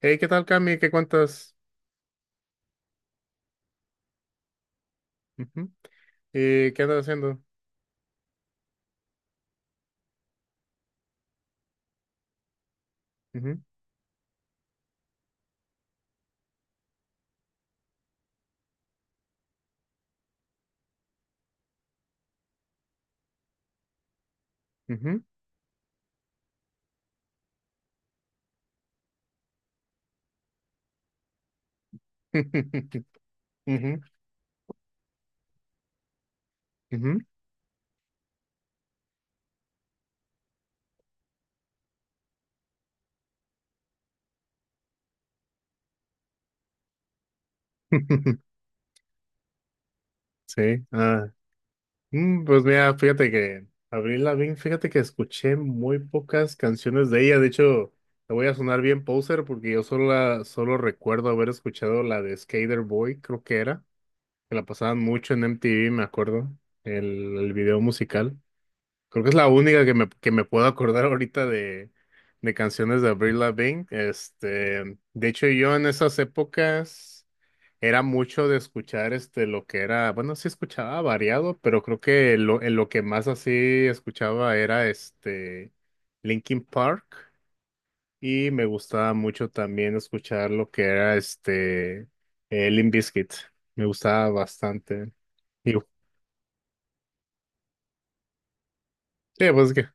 Hey, ¿qué tal, Cami? ¿Qué cuentas? Ujú. ¿Y qué andas haciendo? Ujú, ujú. Ujú, ujú. Sí. Ah. Pues mira, fíjate que Avril Lavigne, fíjate que escuché muy pocas canciones de ella. De hecho, te voy a sonar bien poser porque yo solo, solo recuerdo haber escuchado la de Skater Boy, creo que era, que la pasaban mucho en MTV, me acuerdo, el video musical. Creo que es la única que me puedo acordar ahorita de canciones de Avril Lavigne. Este, de hecho, yo en esas épocas era mucho de escuchar este lo que era, bueno, sí escuchaba variado, pero creo que en lo que más así escuchaba era este Linkin Park y me gustaba mucho también escuchar lo que era este Limp Bizkit. Me gustaba bastante. Y, sí, pues que.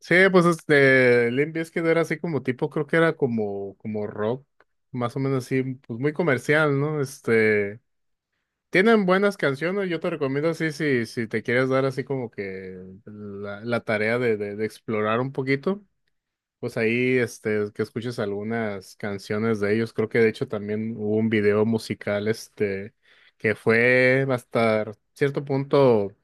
Sí, pues este, Limp Bizkit era así como tipo, creo que era como, como rock, más o menos así, pues muy comercial, ¿no? Este, tienen buenas canciones, yo te recomiendo así si, si te quieres dar así como que la tarea de explorar un poquito, pues ahí, este, que escuches algunas canciones de ellos, creo que de hecho también hubo un video musical, este, que fue hasta cierto punto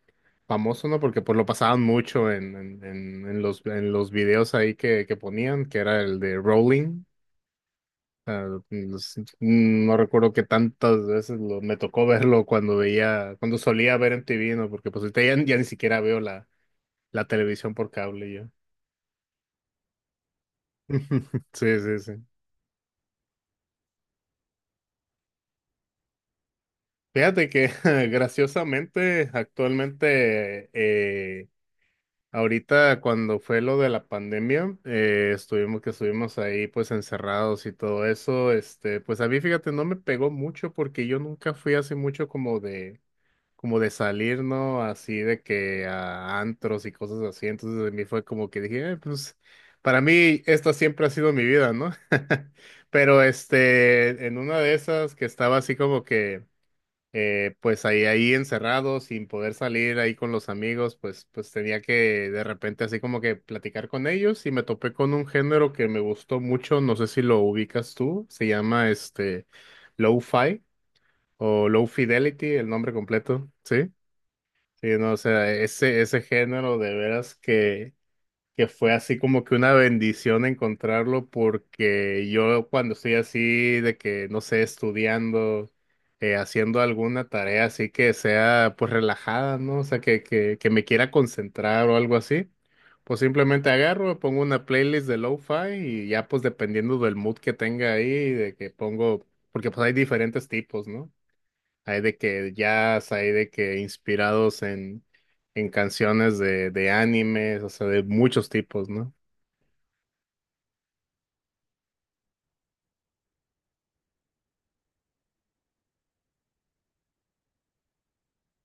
famoso, ¿no? Porque pues lo pasaban mucho en los videos ahí que ponían, que era el de Rolling. O los- no recuerdo que tantas veces me tocó verlo cuando veía, cuando solía ver en MTV, ¿no? Porque pues ahorita ya, ya ni siquiera veo la televisión por cable yo. Sí, sí, sí. Fíjate que graciosamente actualmente ahorita cuando fue lo de la pandemia, estuvimos que estuvimos ahí pues encerrados y todo eso, este, pues a mí fíjate, no me pegó mucho porque yo nunca fui así mucho como de salir, ¿no? Así de que a antros y cosas así, entonces a mí fue como que dije, pues para mí esta siempre ha sido mi vida, ¿no? Pero este, en una de esas que estaba así como que pues ahí, ahí encerrado, sin poder salir ahí con los amigos, pues, pues tenía que de repente así como que platicar con ellos y me topé con un género que me gustó mucho, no sé si lo ubicas tú, se llama este lo-fi o low fidelity, el nombre completo, ¿sí? Sí, no, o sea, ese género de veras que fue así como que una bendición encontrarlo porque yo cuando estoy así de que, no sé, estudiando, haciendo alguna tarea así que sea pues relajada, ¿no? O sea, que me quiera concentrar o algo así, pues simplemente agarro, pongo una playlist de lo-fi y ya pues dependiendo del mood que tenga ahí, de que pongo, porque pues hay diferentes tipos, ¿no? Hay de que jazz, hay de que inspirados en canciones de animes, o sea, de muchos tipos, ¿no?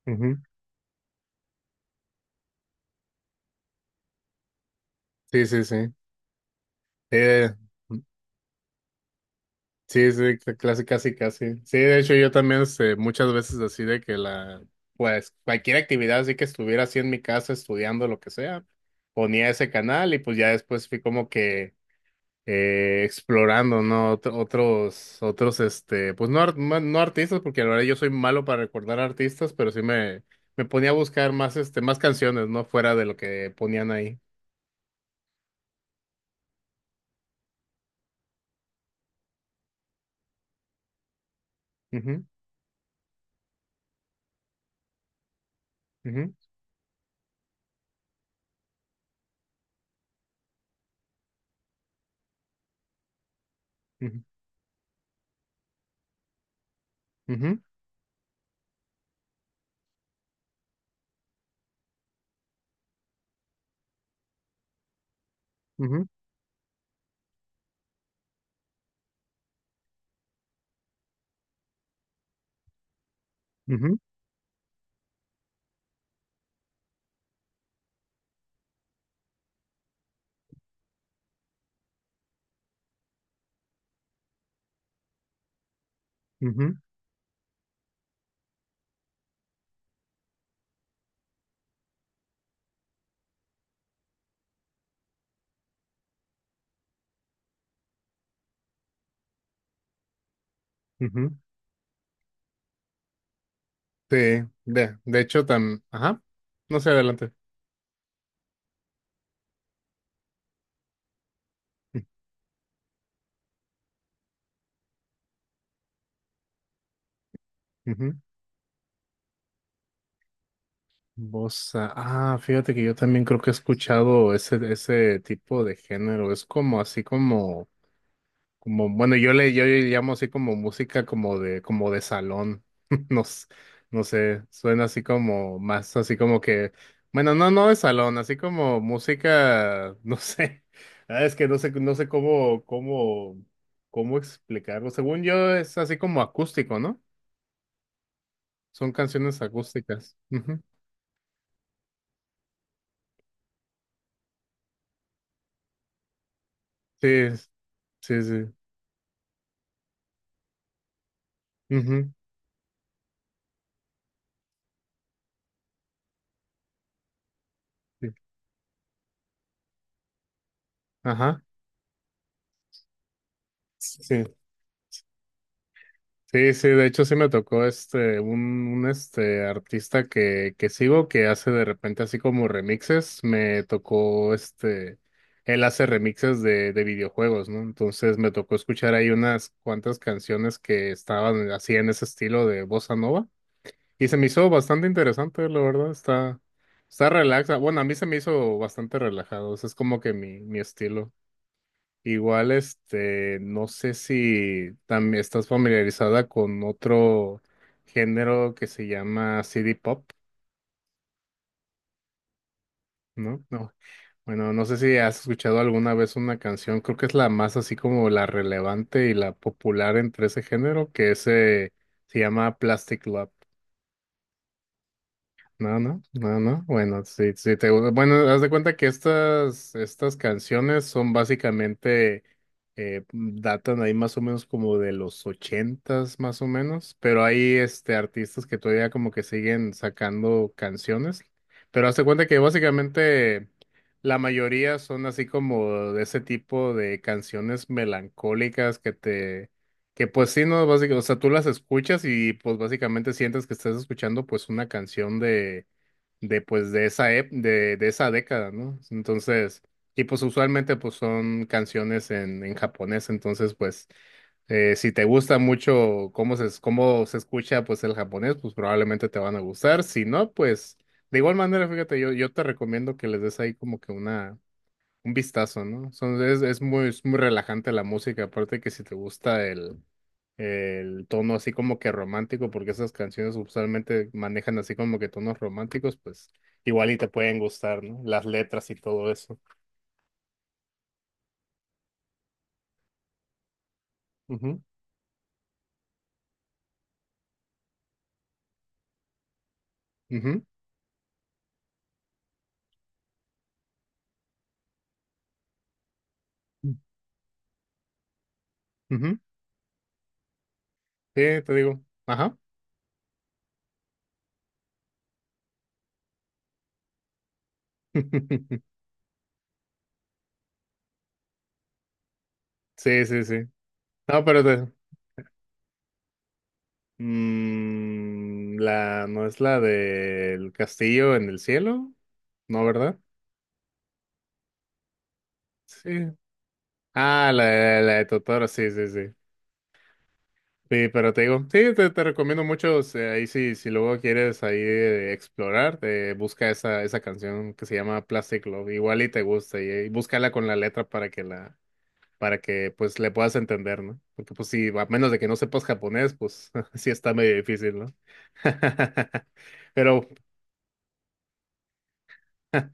Ujú. Sí, sí, sí. Eh, sí, sí, casi, casi, casi. Sí, de hecho, yo también este, muchas veces así de que la, pues, cualquier actividad así que estuviera así en mi casa estudiando lo que sea, ponía ese canal y pues ya después fui como que explorando, ¿no? Otros, este, pues no, no artistas, porque la verdad yo soy malo para recordar artistas, pero sí me ponía a buscar más, este, más canciones, ¿no? Fuera de lo que ponían ahí. Ujú, ujú, ujú, ujú, ujú, ujú, ujú, ujú. Sí, de hecho, tan, ajá, no sé, adelante. Ujú. Bossa. Ah, fíjate que yo también creo que he escuchado ese, ese tipo de género. Es como así como como, bueno, yo le llamo así como música como de salón. No, no sé, suena así como más así como que, bueno, no, no de salón, así como música, no sé. Ah, es que no sé, no sé cómo, cómo, cómo explicarlo. Según yo, es así como acústico, ¿no? Son canciones acústicas. Ujú. Sí, sí, sí. Ujú. Sí. Ajá. Sí, sí, de hecho sí me tocó este, un, este artista que sigo que hace de repente así como remixes, me tocó este, él hace remixes de videojuegos, ¿no? Entonces me tocó escuchar ahí unas cuantas canciones que estaban así en ese estilo de bossa nova y se me hizo bastante interesante, la verdad, está, está relaxa, bueno, a mí se me hizo bastante relajado, ese es como que mi estilo. Igual, este, no sé si también estás familiarizada con otro género que se llama CD Pop, ¿no? No. Bueno, no sé si has escuchado alguna vez una canción, creo que es la más así como la relevante y la popular entre ese género, que ese se llama Plastic Love. No, no, no, no. Bueno, sí, sí te gusta. Bueno, haz de cuenta que estas, estas canciones son básicamente, datan ahí más o menos como de los ochentas, más o menos, pero hay este artistas que todavía como que siguen sacando canciones. Pero haz de cuenta que básicamente la mayoría son así como de ese tipo de canciones melancólicas que te que pues sí, no, básicamente, o sea, tú las escuchas y pues básicamente sientes que estás escuchando pues una canción de pues de esa, de esa década, ¿no? Entonces, y pues usualmente pues son canciones en japonés, entonces pues si te gusta mucho cómo se escucha pues el japonés, pues probablemente te van a gustar, si no, pues de igual manera, fíjate, yo te recomiendo que les des ahí como que una un vistazo, ¿no? Es muy relajante la música, aparte que si te gusta el tono así como que romántico, porque esas canciones usualmente manejan así como que tonos románticos, pues igual y te pueden gustar, ¿no? Las letras y todo eso. Ujú, ujú, ujú. Sí, te digo. Ajá. Sí, sí, sí. No, pero mm, la, no es la del castillo en el cielo, ¿no, verdad? Sí. Ah, la de Totoro, sí, sí, sí. Sí, pero te digo, sí, te recomiendo mucho, o sea, ahí sí, si luego quieres ahí explorar, te busca esa, esa canción que se llama Plastic Love, igual y te gusta, y búscala con la letra para para que pues le puedas entender, ¿no? Porque pues sí, a menos de que no sepas japonés, pues sí está medio difícil, ¿no? Pero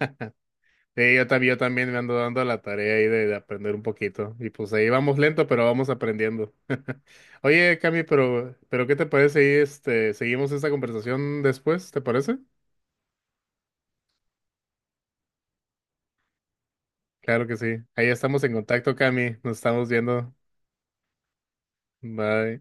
sí, yo también me ando dando la tarea ahí de aprender un poquito. Y pues ahí vamos lento, pero vamos aprendiendo. Oye, Cami, pero ¿qué te parece ahí, este, seguimos esta conversación después? ¿Te parece? Claro que sí. Ahí estamos en contacto, Cami. Nos estamos viendo. Bye.